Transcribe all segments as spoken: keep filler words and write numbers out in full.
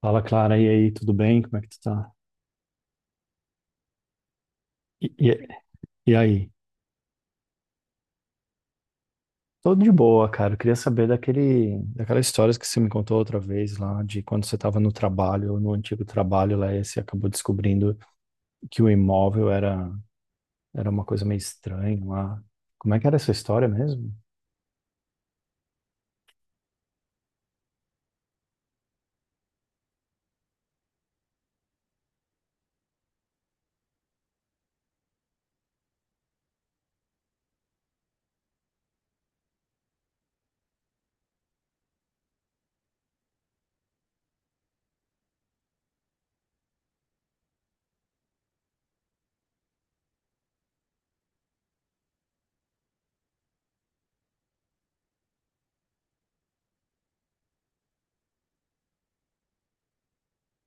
Fala, Clara, e aí, tudo bem? Como é que tu tá? E, e, e aí? Tudo de boa, cara. Eu queria saber daquele, daquela história que você me contou outra vez lá, de quando você estava no trabalho, no antigo trabalho lá, e você acabou descobrindo que o imóvel era, era uma coisa meio estranha lá. Como é que era essa história mesmo?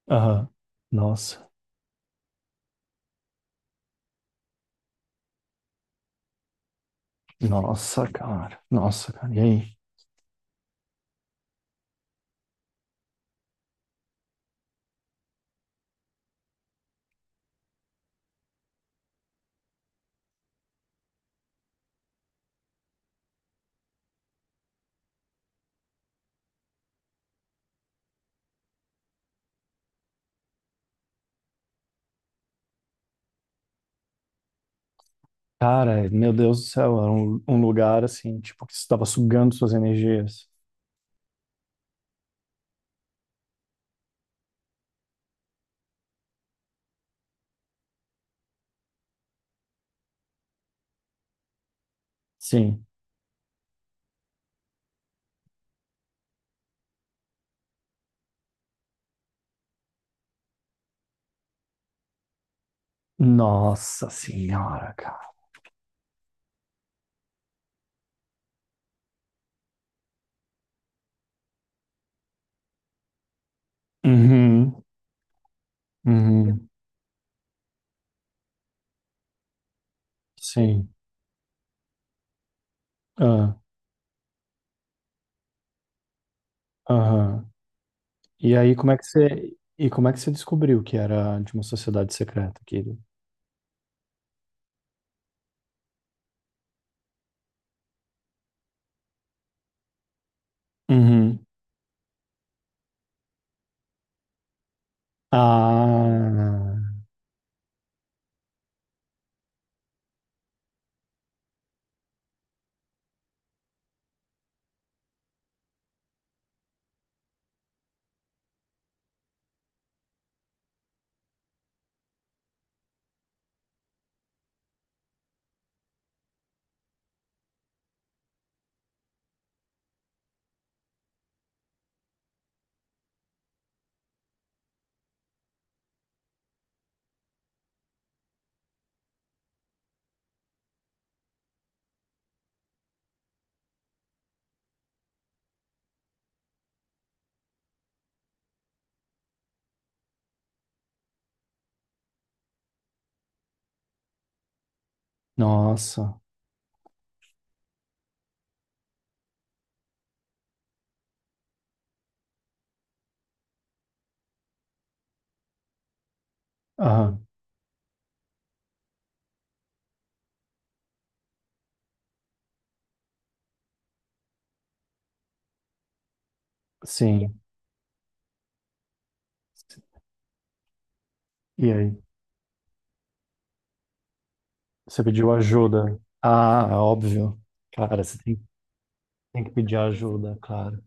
Aham. Nossa, nossa, cara. Nossa, cara. E aí? Cara, meu Deus do céu, era um, um lugar assim, tipo, que estava sugando suas energias. Sim. Nossa senhora. Uhum, uhum, sim. Ah, aham. E aí, como é que você, e como é que você descobriu que era de uma sociedade secreta, querido? Uhum. Ah, nossa. Aham, sim. E aí, você pediu ajuda? Ah, óbvio. Cara, você tem, tem que pedir ajuda, claro.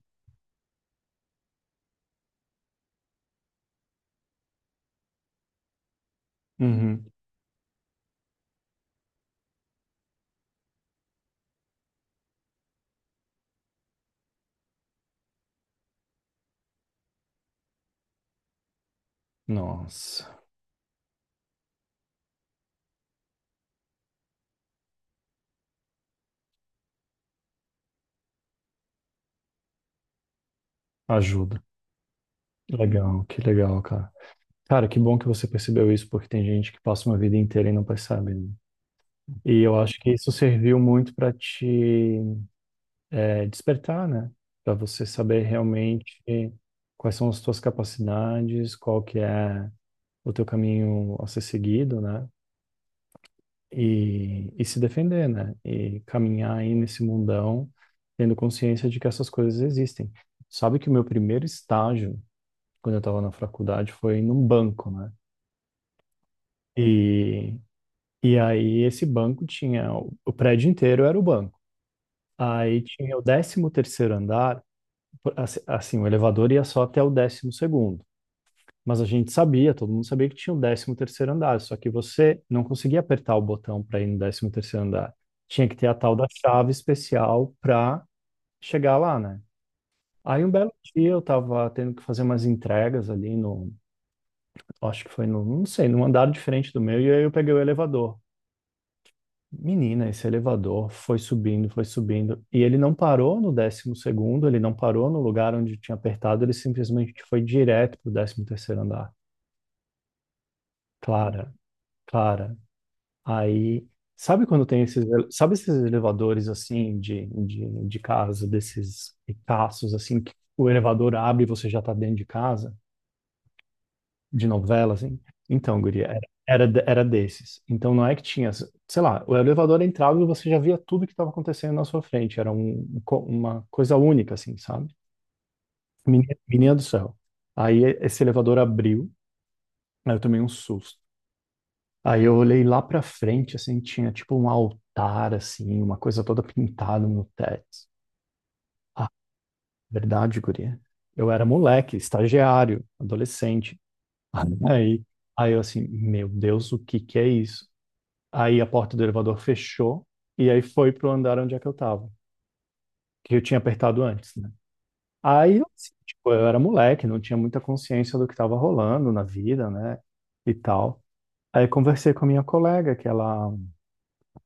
Uhum. Nossa, ajuda. Legal, que legal, cara. Cara, que bom que você percebeu isso, porque tem gente que passa uma vida inteira e não percebe, né? E eu acho que isso serviu muito para te eh, despertar, né? Para você saber realmente quais são as tuas capacidades, qual que é o teu caminho a ser seguido, né? E, e se defender, né? E caminhar aí nesse mundão, tendo consciência de que essas coisas existem. Sabe que o meu primeiro estágio, quando eu estava na faculdade, foi num banco, né? E, e aí esse banco tinha... O o prédio inteiro era o banco. Aí tinha o décimo terceiro andar, por- assi- assim, o elevador ia só até o décimo segundo. Mas a gente sabia, todo mundo sabia que tinha o décimo terceiro andar, só que você não conseguia apertar o botão para ir no décimo terceiro andar. Tinha que ter a tal da chave especial para chegar lá, né? Aí um belo dia eu tava tendo que fazer umas entregas ali no, acho que foi no, não sei, num andar diferente do meu, e aí eu peguei o elevador. Menina, esse elevador foi subindo, foi subindo, e ele não parou no décimo segundo, ele não parou no lugar onde tinha apertado, ele simplesmente foi direto pro décimo terceiro andar. Clara, Clara. Aí, sabe quando tem esses, ele- sabe esses elevadores assim de, de, de casa, desses ricaços assim, que o elevador abre e você já tá dentro de casa? De novela, assim? Então, guria, era, era, era desses. Então não é que tinha, sei lá, o elevador entrava e você já via tudo que estava acontecendo na sua frente. Era um, um co- uma coisa única, assim, sabe? Menina, menina do céu. Aí esse elevador abriu, aí eu tomei um susto. Aí eu olhei lá pra frente, assim, tinha tipo um altar, assim, uma coisa toda pintada no teto. Ah, verdade, guria. Eu era moleque, estagiário, adolescente. Aí, Aí eu assim, meu Deus, o que que é isso? Aí a porta do elevador fechou e aí foi pro andar onde é que eu tava, que eu tinha apertado antes, né? Aí, eu, assim, tipo, eu era moleque, não tinha muita consciência do que estava rolando na vida, né? E tal. Aí conversei com a minha colega, que ela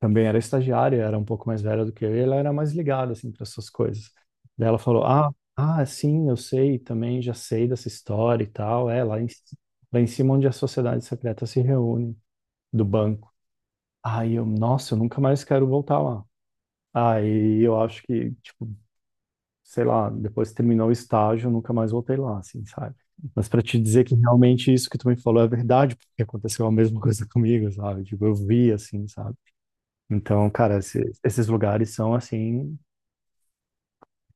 também era estagiária, era um pouco mais velha do que eu, e ela era mais ligada, assim, para essas coisas. Daí ela falou, ah, ah, sim, eu sei, também já sei dessa história e tal, é, lá em, lá em cima onde a sociedade secreta se reúne, do banco. Aí eu, nossa, eu nunca mais quero voltar lá. Aí eu acho que, tipo, sei lá, depois que terminou o estágio, eu nunca mais voltei lá, assim, sabe? Mas para te dizer que realmente isso que tu me falou é verdade, porque aconteceu a mesma coisa comigo, sabe? Tipo, eu vi, assim, sabe? Então, cara, esse- esses lugares são, assim,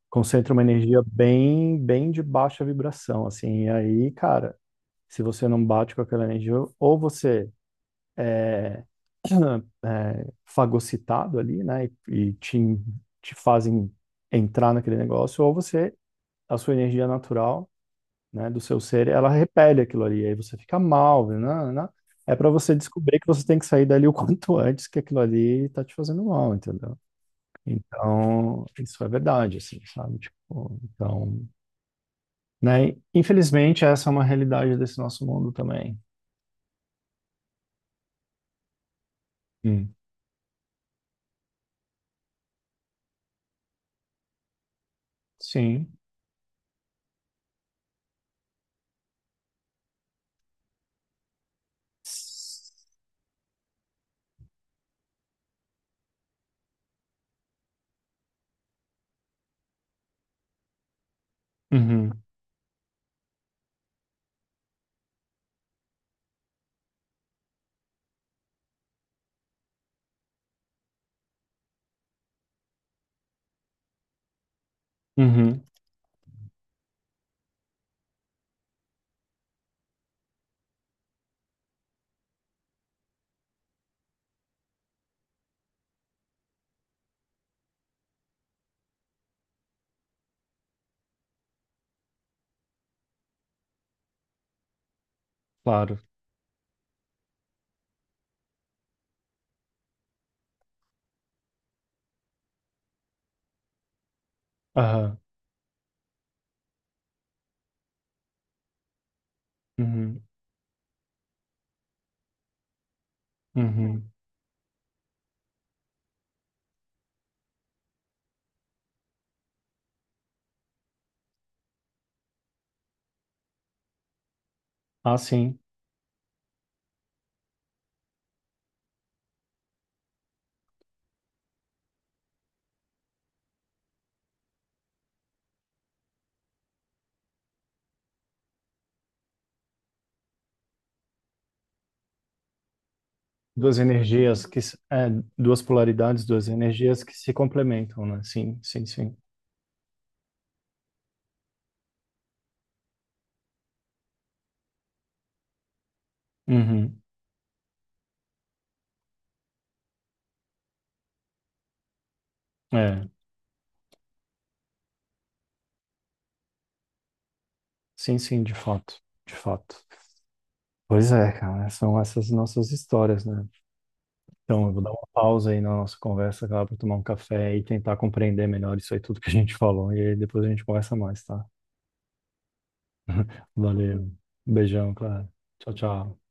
concentram uma energia bem, bem de baixa vibração, assim. E aí, cara, se você não bate com aquela energia, ou você é, é fagocitado ali, né? E, e te, te fazem entrar naquele negócio, ou você a sua energia natural, né, do seu ser, ela repele aquilo ali, aí você fica mal, né, né, né. É para você descobrir que você tem que sair dali o quanto antes, que aquilo ali tá te fazendo mal, entendeu? Então, isso é verdade, assim, sabe? Tipo, então, né? Infelizmente, essa é uma realidade desse nosso mundo também. Hum. Sim. Uhum, uhum, claro. Aham, uhum, uhum. Ah, sim. Duas energias que, s- é, duas polaridades, duas energias que se complementam, né? Sim, sim, sim. Uhum. É, sim, sim, de fato, de fato. Pois é, cara, são essas nossas histórias, né? Então, eu vou dar uma pausa aí na nossa conversa, cara, para tomar um café e tentar compreender melhor isso aí tudo que a gente falou. E aí depois a gente conversa mais, tá? Valeu. Beijão, cara. Tchau, tchau.